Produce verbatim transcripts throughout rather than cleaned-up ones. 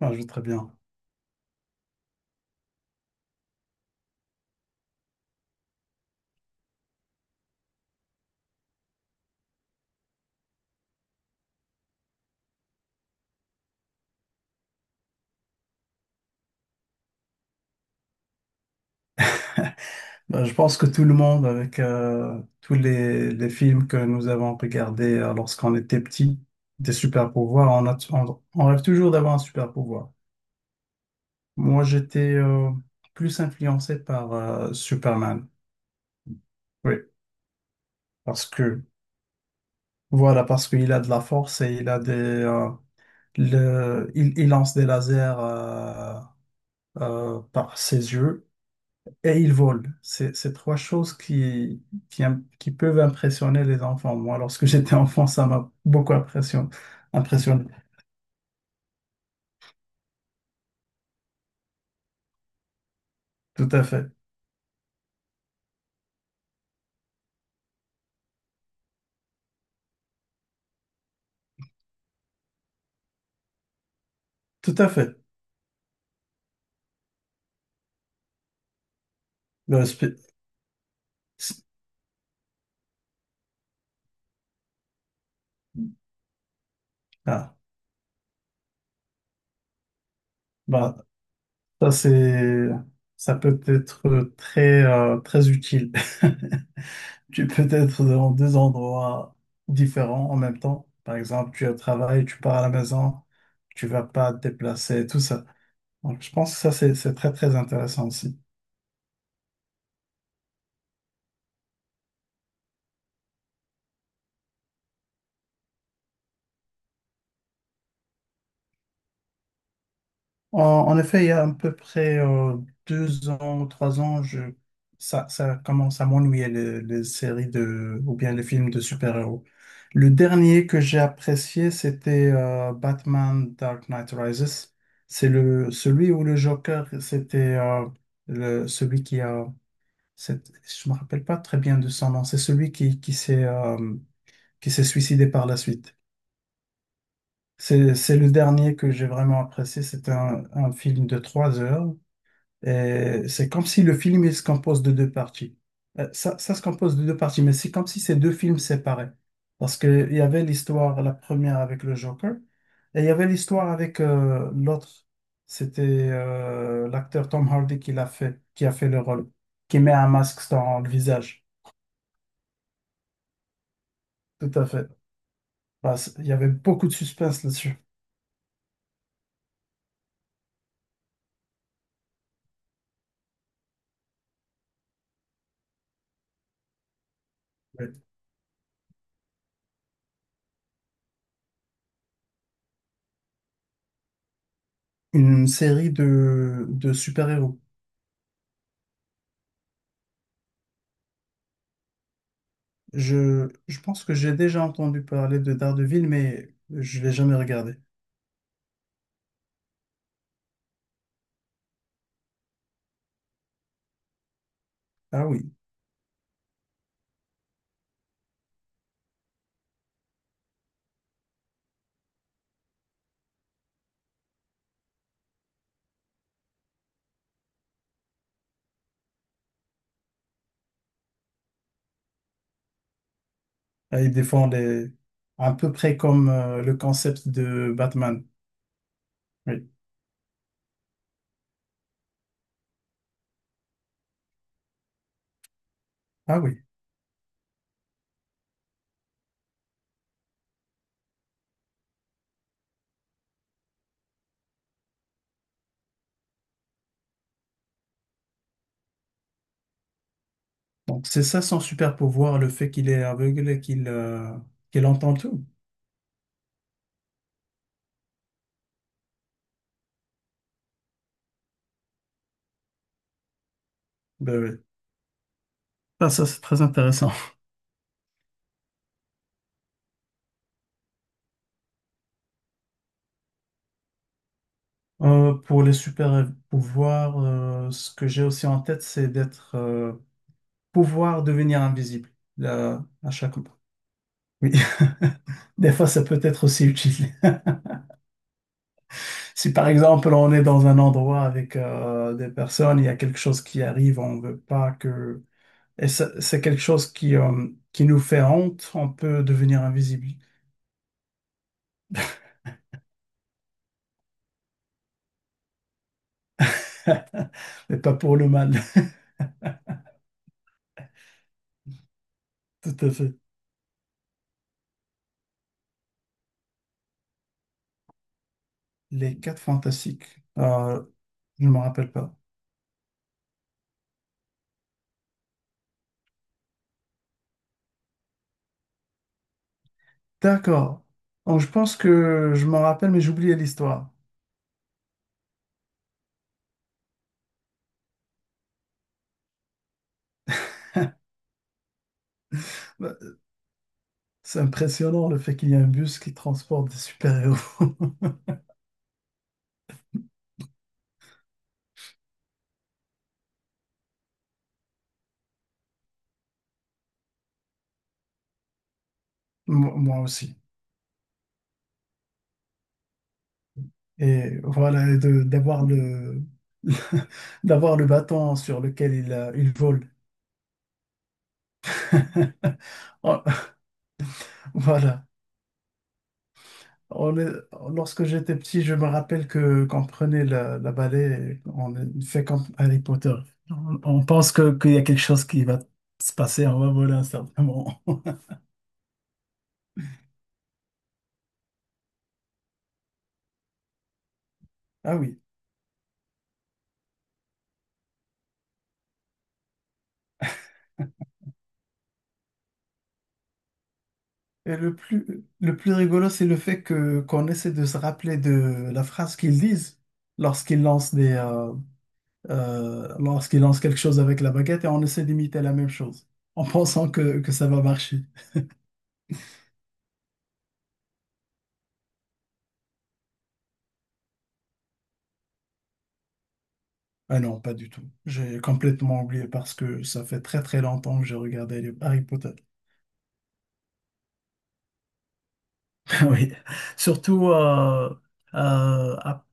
Ah, je vais très bien. Bah, je pense que tout le monde, avec euh, tous les, les films que nous avons regardés euh, lorsqu'on était petit, des super pouvoirs, on, a- on- on rêve toujours d'avoir un super pouvoir. Moi, j'étais euh, plus influencé par euh, Superman. Oui, parce que voilà, parce qu'il a de la force et il a des, euh, le- il, il lance des lasers euh, euh, par ses yeux. Et ils volent. C'est c'est trois choses qui, qui, im- qui peuvent impressionner les enfants. Moi, lorsque j'étais enfant, ça m'a beaucoup impression- impressionné. Tout à fait. Tout à fait. Le spi- ah, bah, ça, c'est, ça peut être très, euh, très utile. Tu peux être dans deux endroits différents en même temps. Par exemple, tu es au travail, tu pars à la maison, tu vas pas te déplacer, tout ça. Donc, je pense que ça, c'est c'est très, très intéressant aussi. En, en effet, il y a à peu près euh, deux ans, trois ans, je, ça, ça commence à m'ennuyer les, les séries de, ou bien les films de super-héros. Le dernier que j'ai apprécié, c'était euh, Batman Dark Knight Rises. C'est le, celui où le Joker, c'était euh, le, celui qui a, c'est- je me rappelle pas très bien de son nom, c'est celui qui, qui s'est euh, qui s'est suicidé par la suite. C'est, c'est le dernier que j'ai vraiment apprécié. C'est un, un film de trois heures euh, c'est comme si le film il se compose de deux parties. Euh, ça, ça se compose de deux parties, mais c'est comme si c'est deux films séparés. Parce qu'il y avait l'histoire, la première avec le Joker, et il y avait l'histoire avec euh, l'autre. C'était euh, l'acteur Tom Hardy qui l'a fait, qui a fait le rôle, qui met un masque dans le visage. Tout à fait. Parce- il y avait beaucoup de suspense là-dessus. Ouais. Une série de, de super-héros. Je, je pense que j'ai déjà entendu parler de Daredevil, mais je l'ai jamais regardé. Ah oui. Ah, ils défendent les... à peu près comme euh, le concept de Batman. Oui. Ah oui. Donc c'est ça son super pouvoir, le fait qu'il est aveugle et qu'il euh, qu'il entend tout. Ben oui. Ah, ça, c'est très intéressant. Euh, pour les super pouvoirs, euh, ce que j'ai aussi en tête, c'est d'être euh, pouvoir devenir invisible là, à chaque moment. Oui. Des fois, ça peut être aussi utile. Si par exemple on est dans un endroit avec euh, des personnes, il y a quelque chose qui arrive, on ne veut pas que... Et ça- c'est quelque chose qui, euh, qui nous fait honte, on peut devenir invisible. Mais pas pour le mal. Tout à fait. Les quatre fantastiques. Euh, je ne me rappelle pas. D'accord. Donc je pense que je m'en rappelle, mais j'oubliais l'histoire. Bah, c'est impressionnant le fait qu'il y a un bus qui transporte des super-héros. Moi moi aussi. Et voilà, et de- d'avoir le, d'avoir le bâton sur lequel il, euh, il vole. Oh, voilà. On est- lorsque j'étais petit, je me rappelle que qu'on prenait la, la balai, et on fait comme Harry Potter. On, on pense que, qu'il y a quelque chose qui va se passer, on va voler à un certain moment. Ah oui. Et le plus, le plus rigolo, c'est le fait que qu'on essaie de se rappeler de la phrase qu'ils disent lorsqu'ils lancent des, euh, euh, lorsqu'il lance quelque chose avec la baguette et on essaie d'imiter la même chose en pensant que, que ça va marcher. Ah non, pas du tout. J'ai complètement oublié parce que ça fait très très longtemps que j'ai regardé les Harry Potter. Oui, surtout, euh, euh, ap-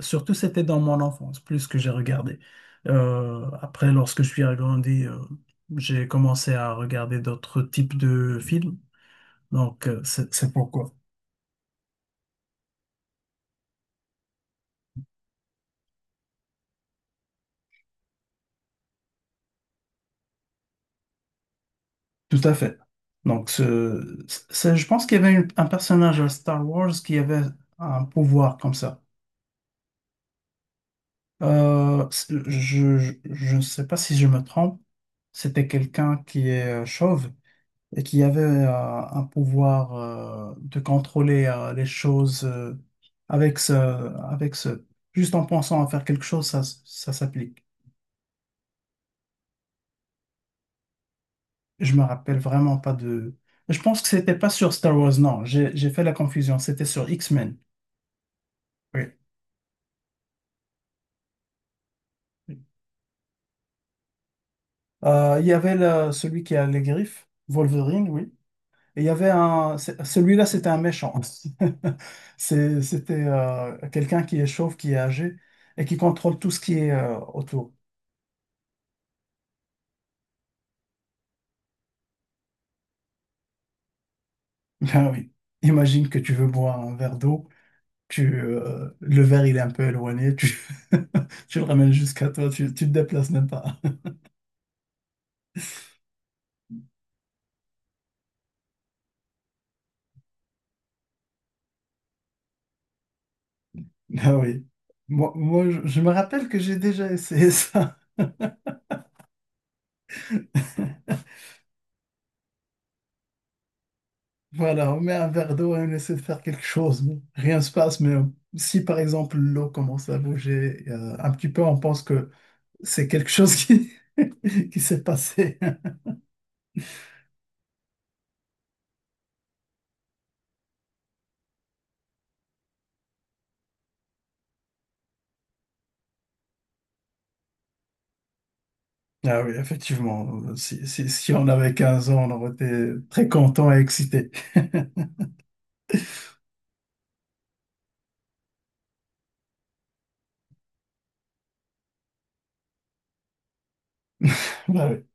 surtout c'était dans mon enfance plus que j'ai regardé. Euh, après, lorsque je suis agrandi, euh, j'ai commencé à regarder d'autres types de films. Donc, euh, c'est c'est pourquoi. Tout à fait. Donc, ce, ce- je pense qu'il y avait une- un personnage à Star Wars qui avait un pouvoir comme ça. Euh, c'est- je, je, je ne sais pas si je me trompe. C'était quelqu'un qui est euh, chauve et qui avait euh, un pouvoir euh, de contrôler euh, les choses euh, avec ce, avec ce, juste en pensant à faire quelque chose, ça, s- ça s'applique. Je me rappelle vraiment pas de. Je pense que c'était pas sur Star Wars, non. J'ai, j'ai fait la confusion. C'était sur X-Men. Oui. Euh, il y avait le- celui qui a les griffes, Wolverine, oui. Et il y avait un. C'est- celui-là, c'était un méchant. C'est- c'était euh, quelqu'un qui est chauve, qui est âgé et qui contrôle tout ce qui est euh, autour. Ben oui. Imagine que tu veux boire un verre d'eau, tu, euh, le verre il est un peu éloigné, tu, tu le ramènes jusqu'à toi, tu, tu te déplaces même pas. Ben oui. Moi, moi, je je me rappelle que j'ai déjà essayé ça. Voilà, on met un verre d'eau et on essaie de faire quelque chose. Bon, rien ne se passe, mais euh, si par exemple l'eau commence à bouger euh, un petit peu, on pense que c'est quelque chose qui, qui s'est passé. Ah oui, effectivement, euh, si, si, si on avait quinze ans, on aurait été très content et excité. Bah oui.